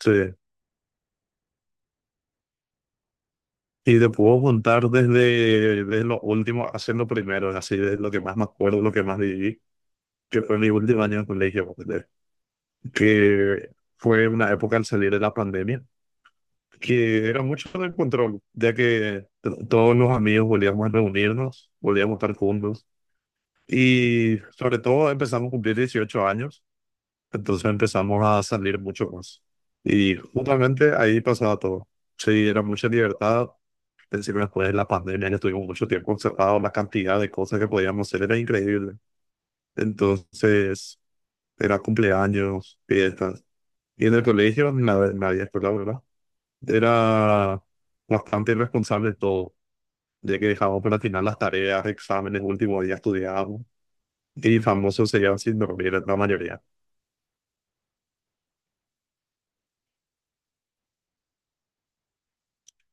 Sí. Y te puedo juntar desde, desde lo último, haciendo primero, así de lo que más me acuerdo, lo que más viví, que fue mi último año de colegio, ponele, que fue una época al salir de la pandemia, que era mucho de control, ya que todos los amigos volvíamos a reunirnos, volvíamos a estar juntos, y sobre todo empezamos a cumplir 18 años, entonces empezamos a salir mucho más. Y justamente ahí pasaba todo. Sí, era mucha libertad. Es decir, después de la pandemia que estuvimos mucho tiempo encerrados, la cantidad de cosas que podíamos hacer era increíble. Entonces, era cumpleaños, fiestas. Y en el colegio, nadie, nadie escuela, ¿verdad? Era bastante irresponsable de todo, ya que dejábamos para el final las tareas, exámenes, último día estudiábamos. Y famosos se quedaban sin dormir, la mayoría.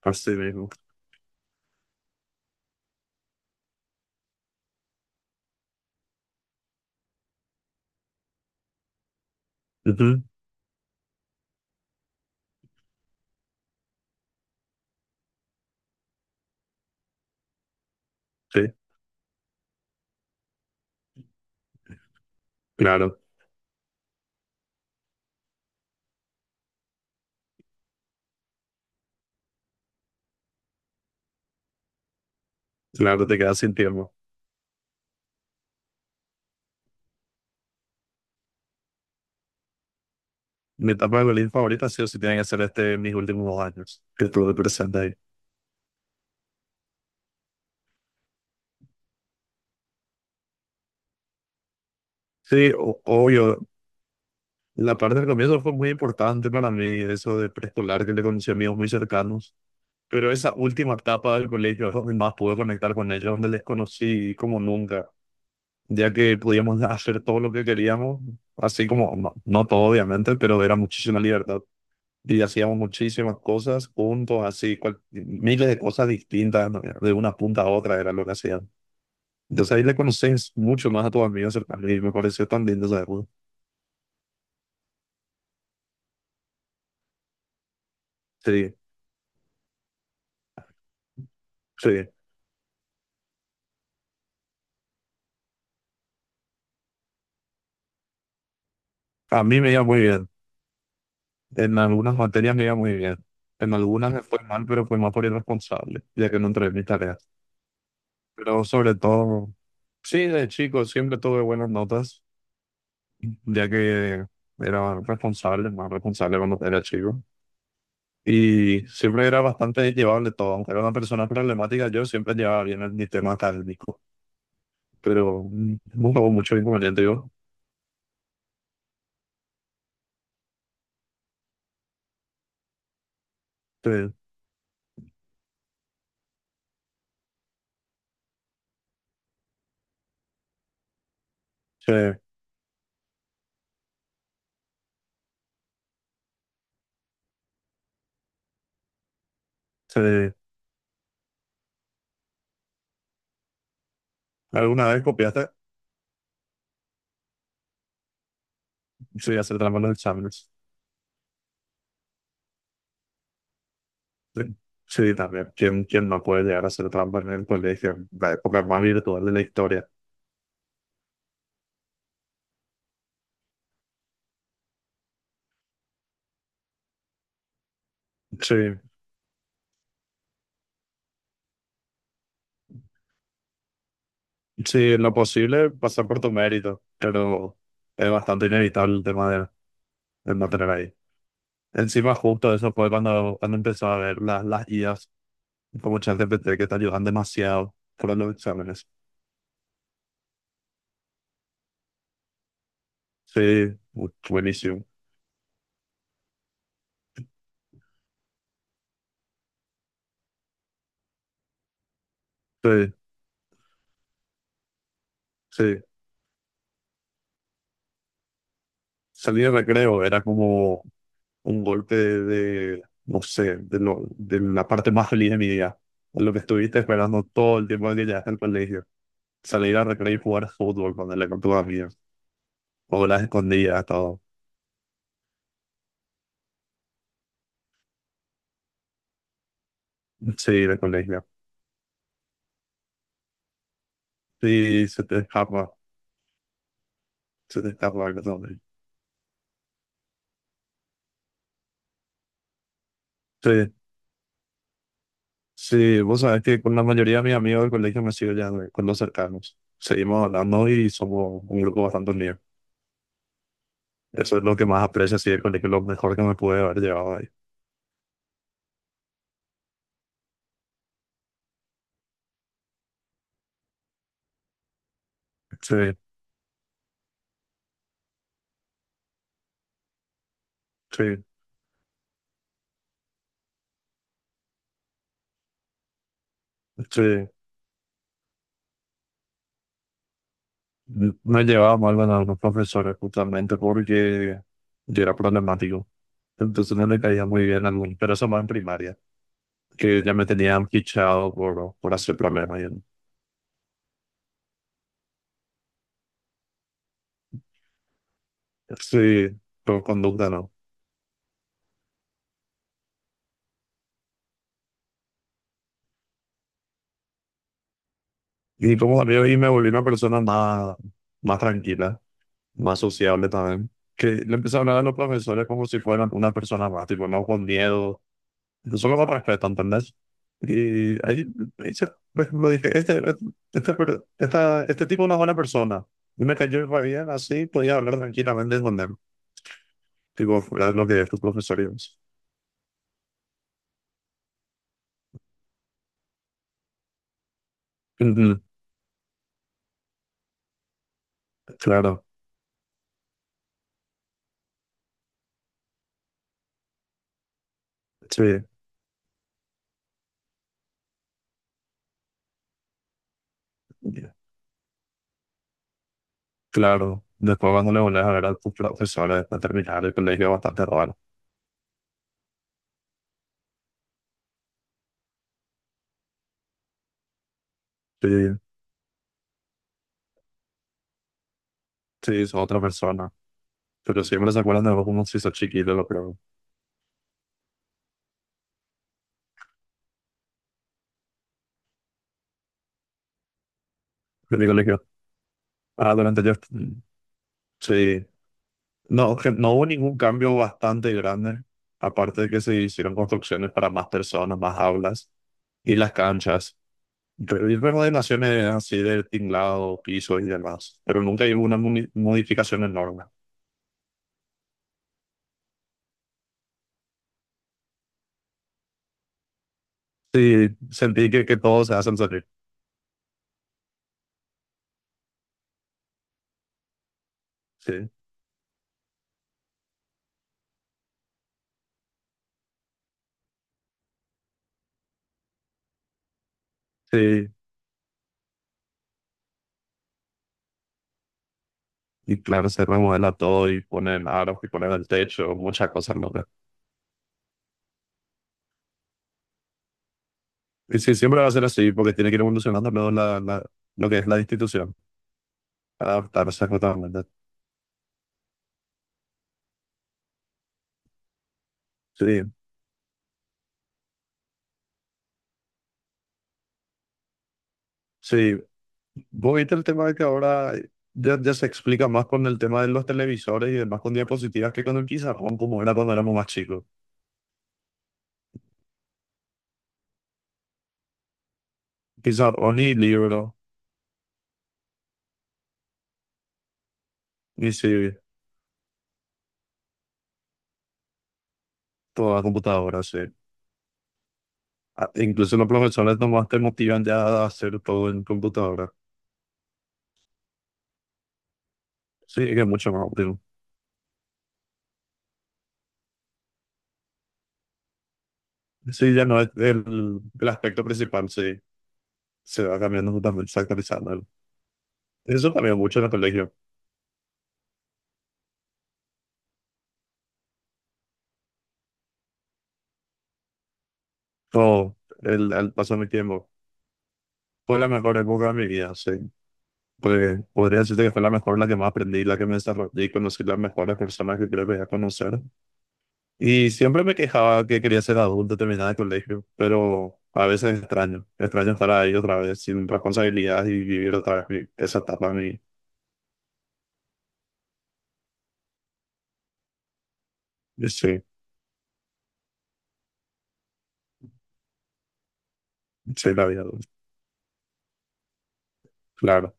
Así mismo. Ujú. Sí, claro, claro, te quedas sin tiempo. Mi etapa de colegio favorita ha sido, si tienen que ser, este, mis últimos dos años, que estuve presente ahí. Sí, obvio. La parte del comienzo fue muy importante para mí, eso de preescolar, que le conocí a amigos muy cercanos. Pero esa última etapa del colegio es donde más pude conectar con ellos, donde les conocí como nunca, ya que podíamos hacer todo lo que queríamos, así como, no, no todo obviamente, pero era muchísima libertad. Y hacíamos muchísimas cosas juntos, así, miles de cosas distintas, ¿no? De una punta a otra era lo que hacían. Entonces ahí le conoces mucho más a tus amigos cercanos y me pareció tan lindo esa época. Sí. Sí. A mí me iba muy bien. En algunas materias me iba muy bien. En algunas me fue mal, pero fue más por irresponsable, ya que no entregué mis tareas. Pero sobre todo, sí, de chico siempre tuve buenas notas, ya que era responsable, más responsable cuando era chico. Y siempre era bastante llevable todo. Aunque era una persona problemática, yo siempre llevaba bien el, mi tema académico. Pero nunca hubo mucho inconveniente. Yo, sí, sí, sí. ¿Alguna vez copiaste? Sí, hacer trampa en los exámenes. Sí, también. ¿Quién, quién no puede llegar a hacer trampa en el colegio? La época más virtual de la historia. Sí, sí, en lo posible pasar por tu mérito, pero es bastante inevitable el tema de no tener ahí. Encima, justo eso fue cuando, cuando empezó a ver las IAs, como ChatGPT, que te ayudan demasiado para los exámenes. Sí, buenísimo. Sí, sí. Salir de recreo era como un golpe de, no sé, de, lo, de la parte más feliz de mi día. Lo que estuviste esperando todo el tiempo que llegaste al colegio. Salir a recrear y jugar fútbol con el con tus amigos. O las escondidas, todo. Sí, el colegio. Sí, se te escapa. Se te escapa algo todo. Sí, sí, vos sabés que con la mayoría de mis amigos del colegio me sigo ya con los cercanos. Seguimos hablando y somos un grupo bastante unido. Eso es lo que más aprecio, sí, el colegio, lo mejor que me pude haber llevado ahí. Sí, sí, sí. No llevaba mal con algunos profesores justamente porque yo era problemático. Entonces no le caía muy bien a algunos, pero eso más en primaria, que ya me tenían fichado por hacer problemas. Y- Sí, por conducta no. Y como también ahí me volví una persona más, más tranquila, más sociable también, que le empecé a hablar a los profesores como si fueran una persona más, tipo, no con miedo, solo me respetan, ¿entendés? Y ahí, ahí se- pues, lo dije, este, este tipo no es una buena persona. Y me cayó re bien, así podía hablar tranquilamente con él. Tipo, era lo que tus profesores. Ujú. Claro, sí, claro. Después cuando le volvés a ver a tus profesores después de terminar el colegio, es bastante raro. Sí, sí, es otra persona. Pero siempre se acuerdan de vos como si sos chiquito, lo creo. De mi colegio. Ah, durante yo. Sí. No, que no hubo ningún cambio bastante grande, aparte de que se hicieron construcciones para más personas, más aulas y las canchas. Remodelaciones así de tinglado, piso y demás, pero nunca hubo una modificación enorme. Sí, sentí que todo se hacen salir. Sí, sí. Y claro, se remodela todo y ponen aros y ponen el techo, muchas cosas locas. Y sí, siempre va a ser así, porque tiene que ir evolucionando luego la, lo que es la institución, adaptarse totalmente. Sí. Sí, vos viste el tema de que ahora ya, ya se explica más con el tema de los televisores y demás con diapositivas que con el pizarrón, como era cuando éramos más chicos. Pizarrón ni libro, ni serie, toda computadora, sí. Ah, incluso los profesores nomás te motivan ya a hacer todo en computadora. Sí, es que es mucho más óptimo. Sí, ya no es el aspecto principal, sí. Se va cambiando totalmente, se va actualizando. Eso cambió mucho en el colegio. Todo, el paso de mi tiempo. Fue la mejor época de mi vida, sí. Pues podría decirte que fue la mejor, la que más aprendí, la que me desarrollé, conocí las mejores personas que creo que voy a conocer. Y siempre me quejaba que quería ser adulto, terminar el colegio, pero a veces extraño, extraño estar ahí otra vez sin responsabilidad y vivir otra vez esa etapa de mi, sí, sí, la vida adulta. Claro,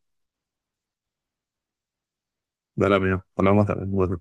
de la mía. Hablamos tarde.